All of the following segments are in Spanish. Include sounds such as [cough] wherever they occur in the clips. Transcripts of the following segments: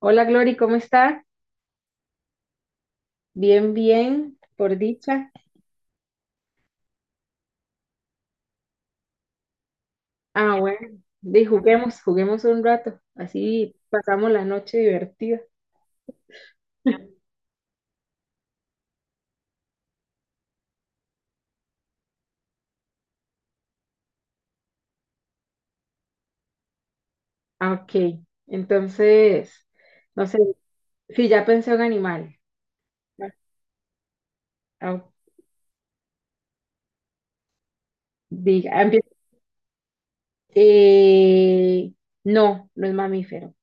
Hola Glory, ¿cómo está? Bien, bien, por dicha. Ah, bueno, de juguemos, juguemos un rato, así pasamos la noche divertida. Ah, ok, entonces, no sé, si ya pensé un animal. Ah, ok. Diga, eh, no, no es mamífero.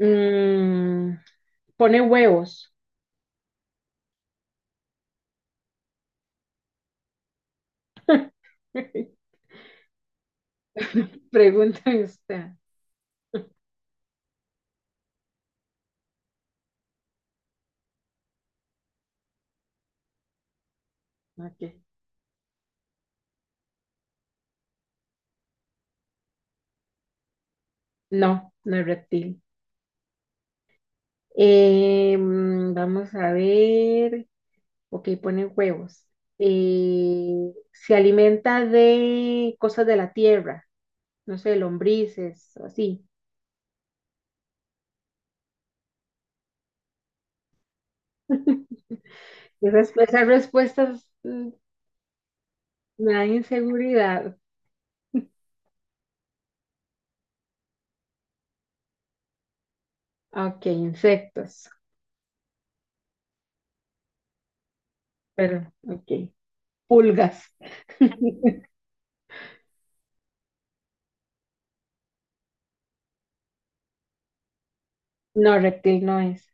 Mm, pone huevos. [laughs] Pregunta usted. Ok. No, no es reptil. Vamos a ver. Ok, pone huevos. Se alimenta de cosas de la tierra, no sé, lombrices, así. [laughs] Esas respuestas me dan inseguridad. Ok, insectos, pero ok. Pulgas. [laughs] No, reptil no es.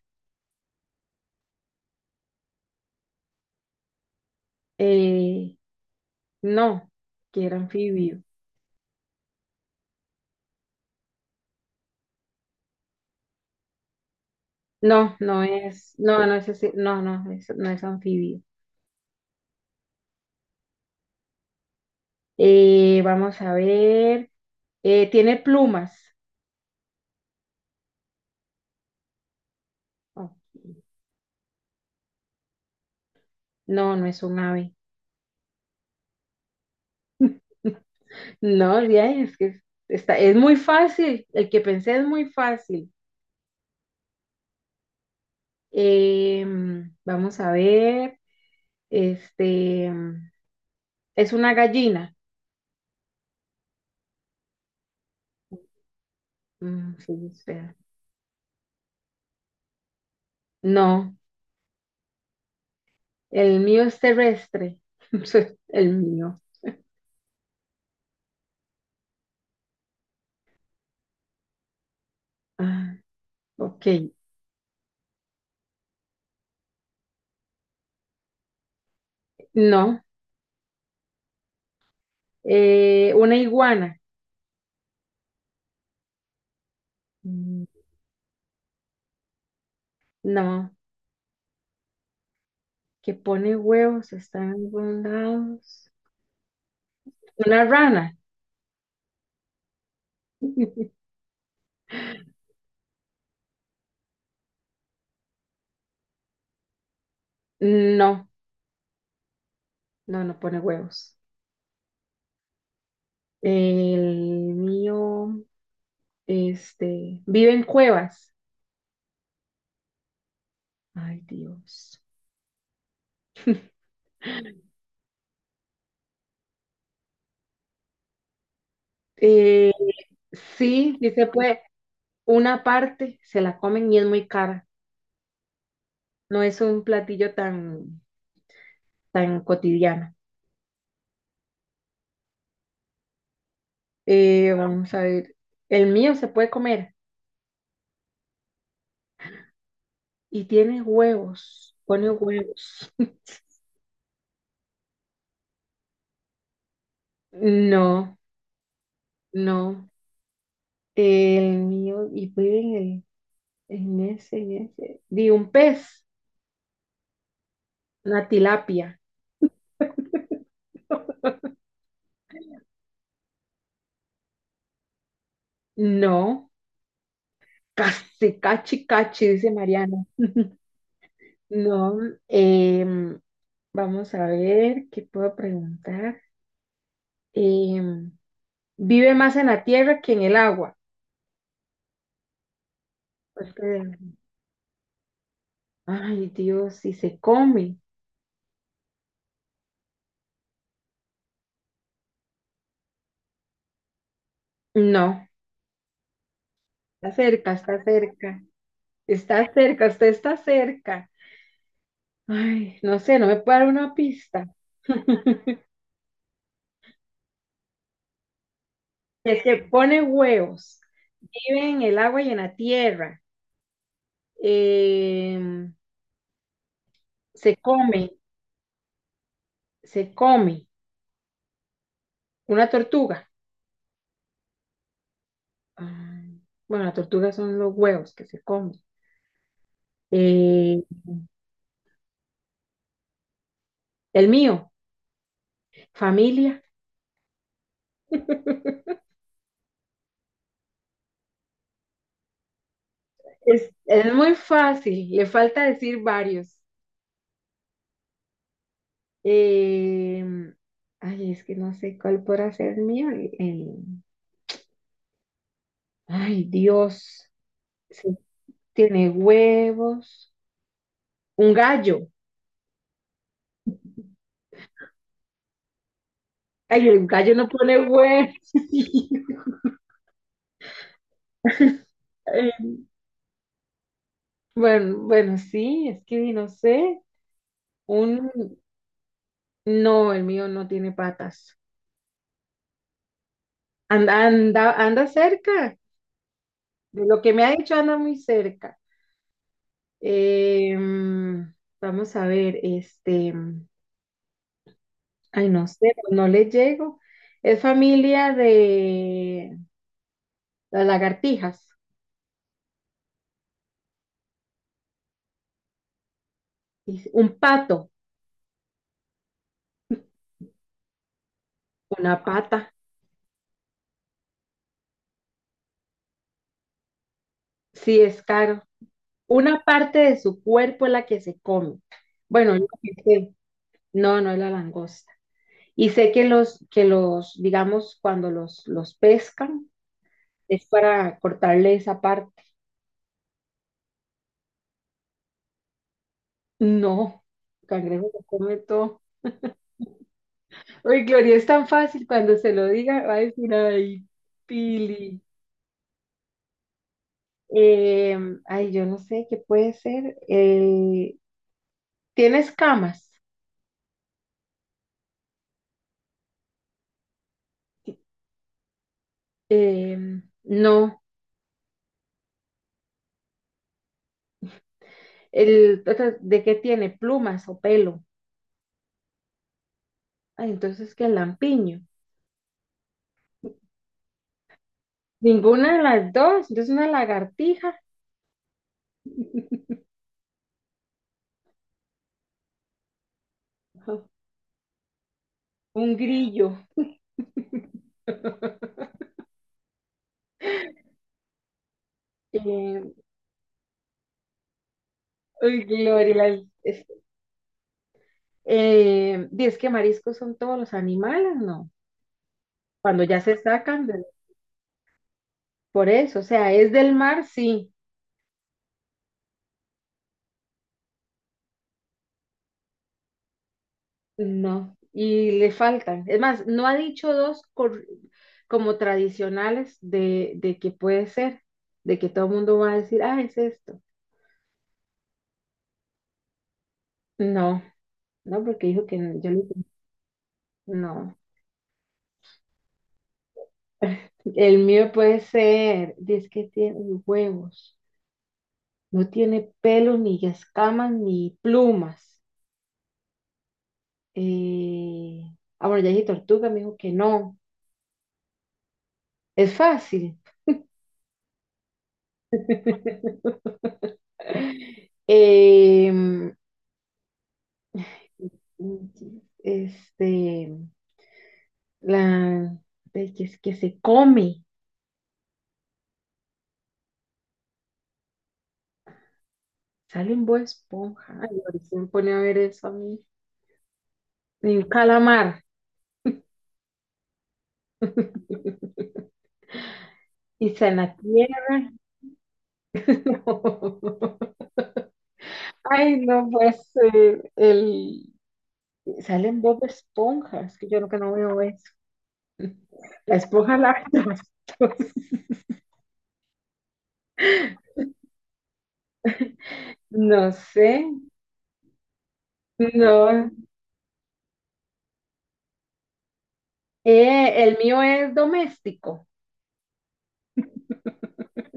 Eh, no, que era anfibio. No, no es, no, no es así, no, no, no es anfibio. Vamos a ver. Tiene plumas. Oh, no, no es un ave. [laughs] No, ya es que está, es muy fácil. El que pensé es muy fácil. Vamos a ver. Este em, es una gallina. Mm, sí, espera. No, el mío es terrestre. [laughs] El mío. Ah, ok. No. Una iguana. Mm, no. Que pone huevos, está en algún lado. Una rana. [laughs] No, no, no pone huevos. El mío, este, vive en cuevas. Ay, Dios. Eh, sí, sí se puede. Una parte se la comen y es muy cara. No es un platillo tan, tan cotidiano. Vamos a ver. El mío se puede comer y tiene huevos. Pone huevos. [laughs] No. No, el mío, y vive en el, en ese, en ese. Di un pez, una tilapia. No, casi, cachi, cachi, dice Mariana. No, em, vamos a ver qué puedo preguntar. Em, vive más en la tierra que en el agua. Este, ay, Dios, si se come. No, está cerca, está cerca. Está cerca, usted está cerca. Ay, no sé, no me puede dar una pista. [laughs] Es que pone huevos, vive en el agua y en la tierra, eh, se come, se come una tortuga. Ah, bueno, las tortugas son los huevos que se comen. Eh, el mío, familia. [laughs] Es muy fácil, le falta decir varios. Eh, ay, es que no sé cuál podrá ser mío. Ay, Dios. Sí. Tiene huevos, un gallo. Ay, el gallo no pone huevos. [laughs] Eh, bueno, bueno, sí, es que no sé. Un No, el mío no tiene patas. Anda, anda, anda cerca. De lo que me ha dicho, anda muy cerca. Eh, mm, vamos a ver, este, ay, no sé, no le llego. Es familia de las lagartijas. Dice, un pato, una pata. Sí, es caro. Una parte de su cuerpo es la que se come. Bueno, yo que sé. No, no es la langosta. Y sé que los, digamos, cuando los pescan, es para cortarle esa parte. No, el cangrejo se come todo. Uy, Gloria, es tan fácil cuando se lo diga, va a decir, ay, Pili. Eh, ay, yo no sé qué puede ser. ¿Tiene escamas? Eh, no. El, otra, ¿de qué tiene? ¿Plumas o pelo? Ay, entonces, ¿qué lampiño? Ninguna de las dos. Entonces, una lagartija, un grillo. [laughs] Eh, uy, Gloria, es, y es que mariscos son todos los animales, ¿no? Cuando ya se sacan de- Por eso, o sea, es del mar, sí, no, y le faltan. Es más, no ha dicho dos cor- como tradicionales de que puede ser, de que todo el mundo va a decir, ah, es esto. No, no, porque dijo que yo le no, el mío puede ser, es que tiene huevos, no tiene pelos, ni escamas, ni plumas. Eh, ah, bueno, ya dije tortuga, me dijo que no. Es fácil. [laughs] Em, este, la de que, es que se come, sale en Bob Esponja. Ay, ahorita me pone a ver eso a mí. Y un calamar. [laughs] Y está en la tierra. [laughs] Ay, no, pues el... Salen Bob Esponjas, que yo lo que no veo es [laughs] la esponja lava trastos. [laughs] No sé, no. El mío es doméstico, [laughs]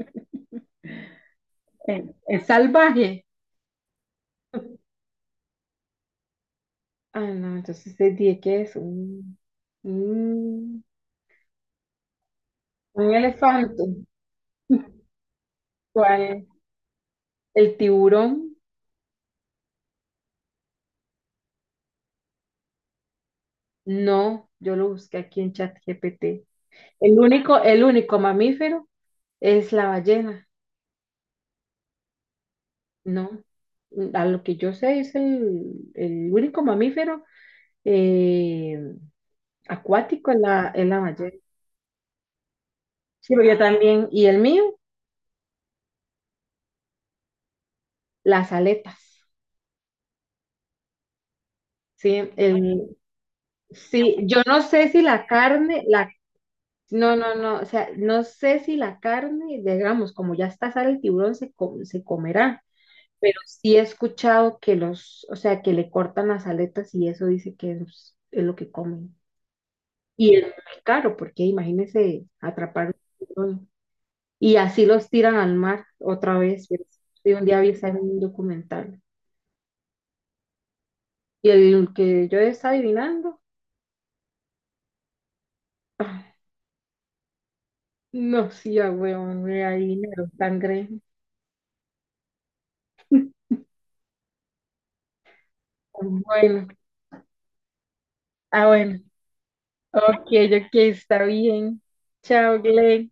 es salvaje. Ah, no, entonces te dije que es un, un elefante. [laughs] ¿Cuál? El tiburón. No, yo lo busqué aquí en ChatGPT. El único mamífero es la ballena. No, a lo que yo sé es el único mamífero eh, acuático en la ballena. Sí, pero yo también. Y el mío, las aletas. Sí, el, sí, yo no sé si la carne, la, no, no, no, o sea, no sé si la carne, digamos, como ya está sale el tiburón, se comerá. Pero sí he escuchado que los, o sea, que le cortan las aletas y eso dice que es lo que comen. Y es muy caro, porque imagínense atrapar un tiburón. Y así los tiran al mar otra vez. Y un día vi esa en un documental. Y el que yo estaba adivinando, ah, no, sí, ah, weón, me adivinaron sangre. Bueno, ah, bueno, ok, ok, está bien. Chao, Glenn.